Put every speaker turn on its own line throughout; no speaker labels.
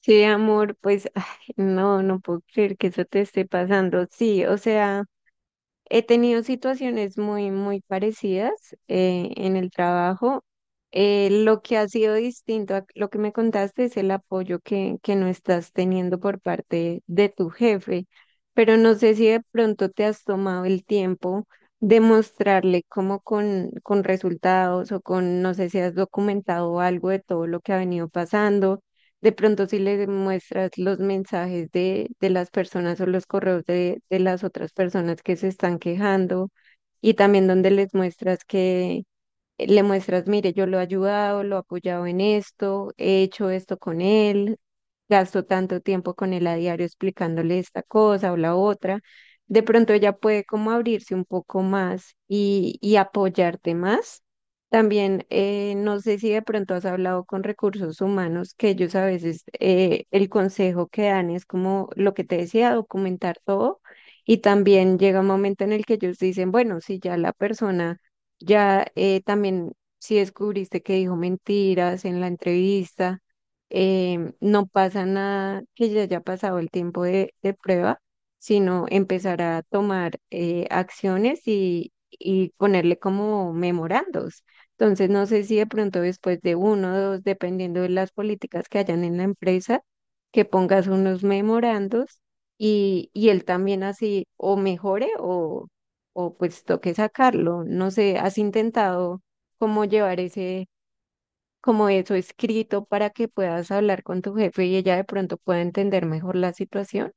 Sí, amor, pues ay, no puedo creer que eso te esté pasando. Sí, o sea, he tenido situaciones muy, muy parecidas en el trabajo. Lo que ha sido distinto a lo que me contaste es el apoyo que no estás teniendo por parte de tu jefe, pero no sé si de pronto te has tomado el tiempo de mostrarle cómo con resultados o con, no sé si has documentado algo de todo lo que ha venido pasando. De pronto si le muestras los mensajes de las personas o los correos de las otras personas que se están quejando y también donde les muestras que le muestras, mire, yo lo he ayudado, lo he apoyado en esto, he hecho esto con él, gasto tanto tiempo con él a diario explicándole esta cosa o la otra. De pronto ella puede como abrirse un poco más y apoyarte más. También, no sé si de pronto has hablado con recursos humanos, que ellos a veces el consejo que dan es como lo que te decía, documentar todo. Y también llega un momento en el que ellos dicen, bueno, si ya la persona ya también, si descubriste que dijo mentiras en la entrevista, no pasa nada que ya haya pasado el tiempo de prueba, sino empezar a tomar acciones y ponerle como memorandos. Entonces, no sé si de pronto después de uno o dos, dependiendo de las políticas que hayan en la empresa, que pongas unos memorandos y él también así o mejore o pues toque sacarlo. No sé, ¿has intentado cómo llevar ese, como eso escrito para que puedas hablar con tu jefe y ella de pronto pueda entender mejor la situación?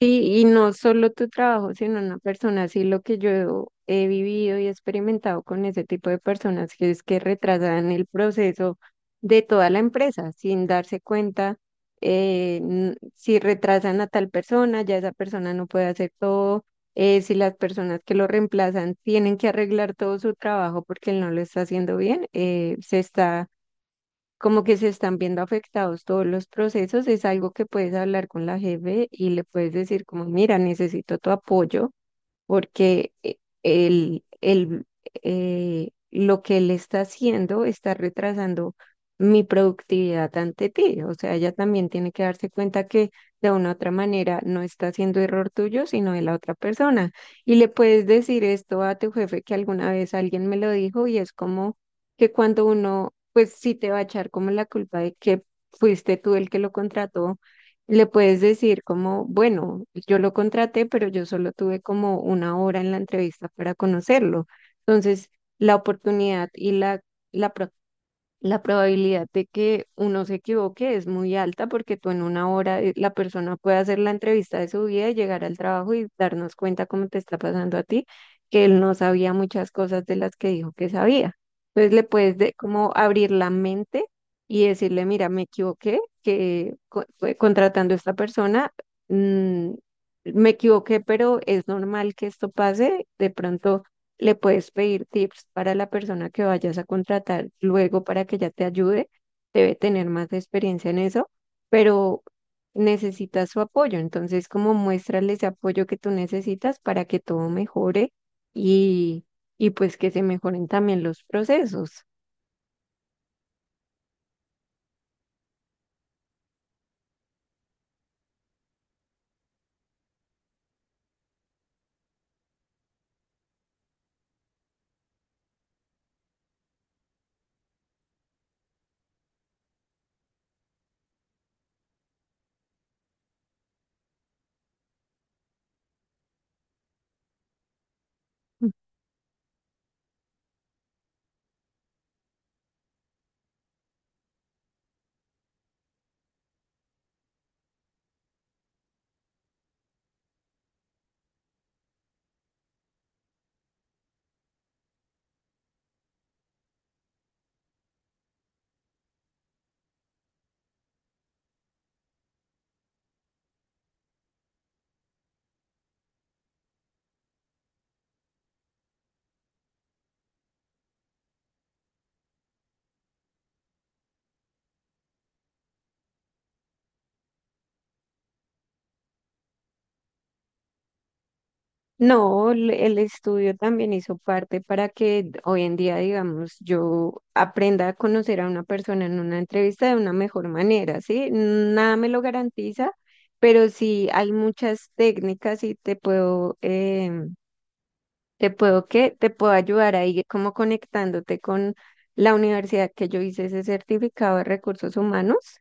Sí, y no solo tu trabajo, sino una persona, sí, lo que yo he vivido y experimentado con ese tipo de personas, que es que retrasan el proceso de toda la empresa sin darse cuenta, si retrasan a tal persona, ya esa persona no puede hacer todo, si las personas que lo reemplazan tienen que arreglar todo su trabajo porque él no lo está haciendo bien, se está como que se están viendo afectados todos los procesos, es algo que puedes hablar con la jefe y le puedes decir como, mira, necesito tu apoyo porque lo que él está haciendo está retrasando mi productividad ante ti. O sea, ella también tiene que darse cuenta que de una u otra manera no está haciendo error tuyo, sino de la otra persona. Y le puedes decir esto a tu jefe que alguna vez alguien me lo dijo y es como que cuando uno, pues sí te va a echar como la culpa de que fuiste tú el que lo contrató, le puedes decir como, bueno, yo lo contraté, pero yo solo tuve como una hora en la entrevista para conocerlo. Entonces, la oportunidad y la, la la probabilidad de que uno se equivoque es muy alta porque tú en una hora la persona puede hacer la entrevista de su vida y llegar al trabajo y darnos cuenta cómo te está pasando a ti, que él no sabía muchas cosas de las que dijo que sabía. Entonces le puedes de, como abrir la mente y decirle, mira, me equivoqué, que co- fue contratando a esta persona, mm, me equivoqué, pero es normal que esto pase. De pronto le puedes pedir tips para la persona que vayas a contratar luego para que ya te ayude. Debe tener más experiencia en eso, pero necesitas su apoyo. Entonces, como muéstrale ese apoyo que tú necesitas para que todo mejore y, y pues que se mejoren también los procesos. No, el estudio también hizo parte para que hoy en día, digamos, yo aprenda a conocer a una persona en una entrevista de una mejor manera, ¿sí? Nada me lo garantiza, pero sí hay muchas técnicas y te puedo, te puedo, ¿qué? Te puedo ayudar ahí como conectándote con la universidad que yo hice ese certificado de recursos humanos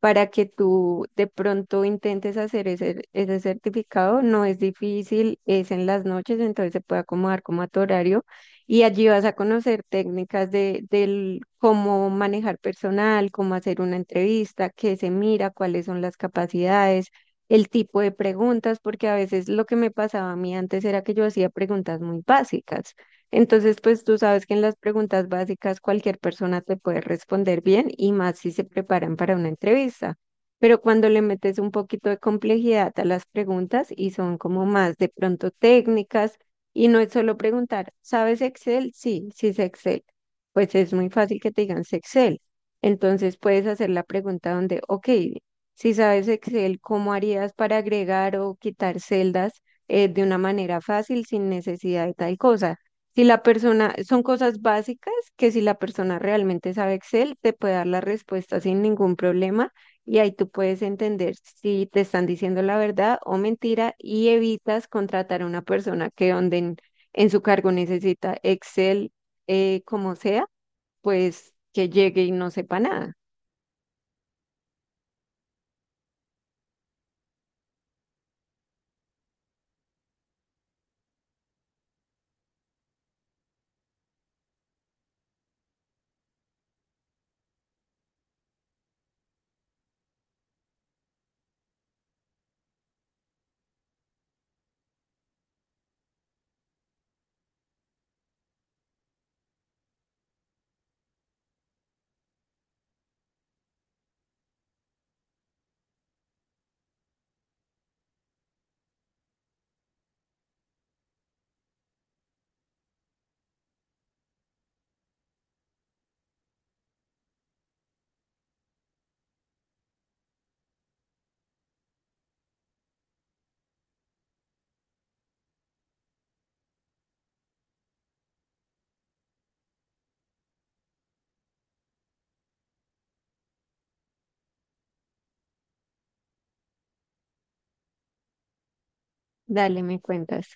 para que tú de pronto intentes hacer ese, ese certificado. No es difícil, es en las noches, entonces se puede acomodar como a tu horario y allí vas a conocer técnicas de, del cómo manejar personal, cómo hacer una entrevista, qué se mira, cuáles son las capacidades. El tipo de preguntas, porque a veces lo que me pasaba a mí antes era que yo hacía preguntas muy básicas. Entonces, pues tú sabes que en las preguntas básicas cualquier persona te puede responder bien y más si se preparan para una entrevista. Pero cuando le metes un poquito de complejidad a las preguntas y son como más de pronto técnicas y no es solo preguntar, ¿sabes Excel? Sí, sí sé Excel. Pues es muy fácil que te digan sé Excel. Entonces puedes hacer la pregunta donde, ok, si sabes Excel, ¿cómo harías para agregar o quitar celdas de una manera fácil sin necesidad de tal cosa? Si la persona, son cosas básicas que si la persona realmente sabe Excel, te puede dar la respuesta sin ningún problema y ahí tú puedes entender si te están diciendo la verdad o mentira y evitas contratar a una persona que donde en su cargo necesita Excel, como sea, pues que llegue y no sepa nada. Dale, me cuentas.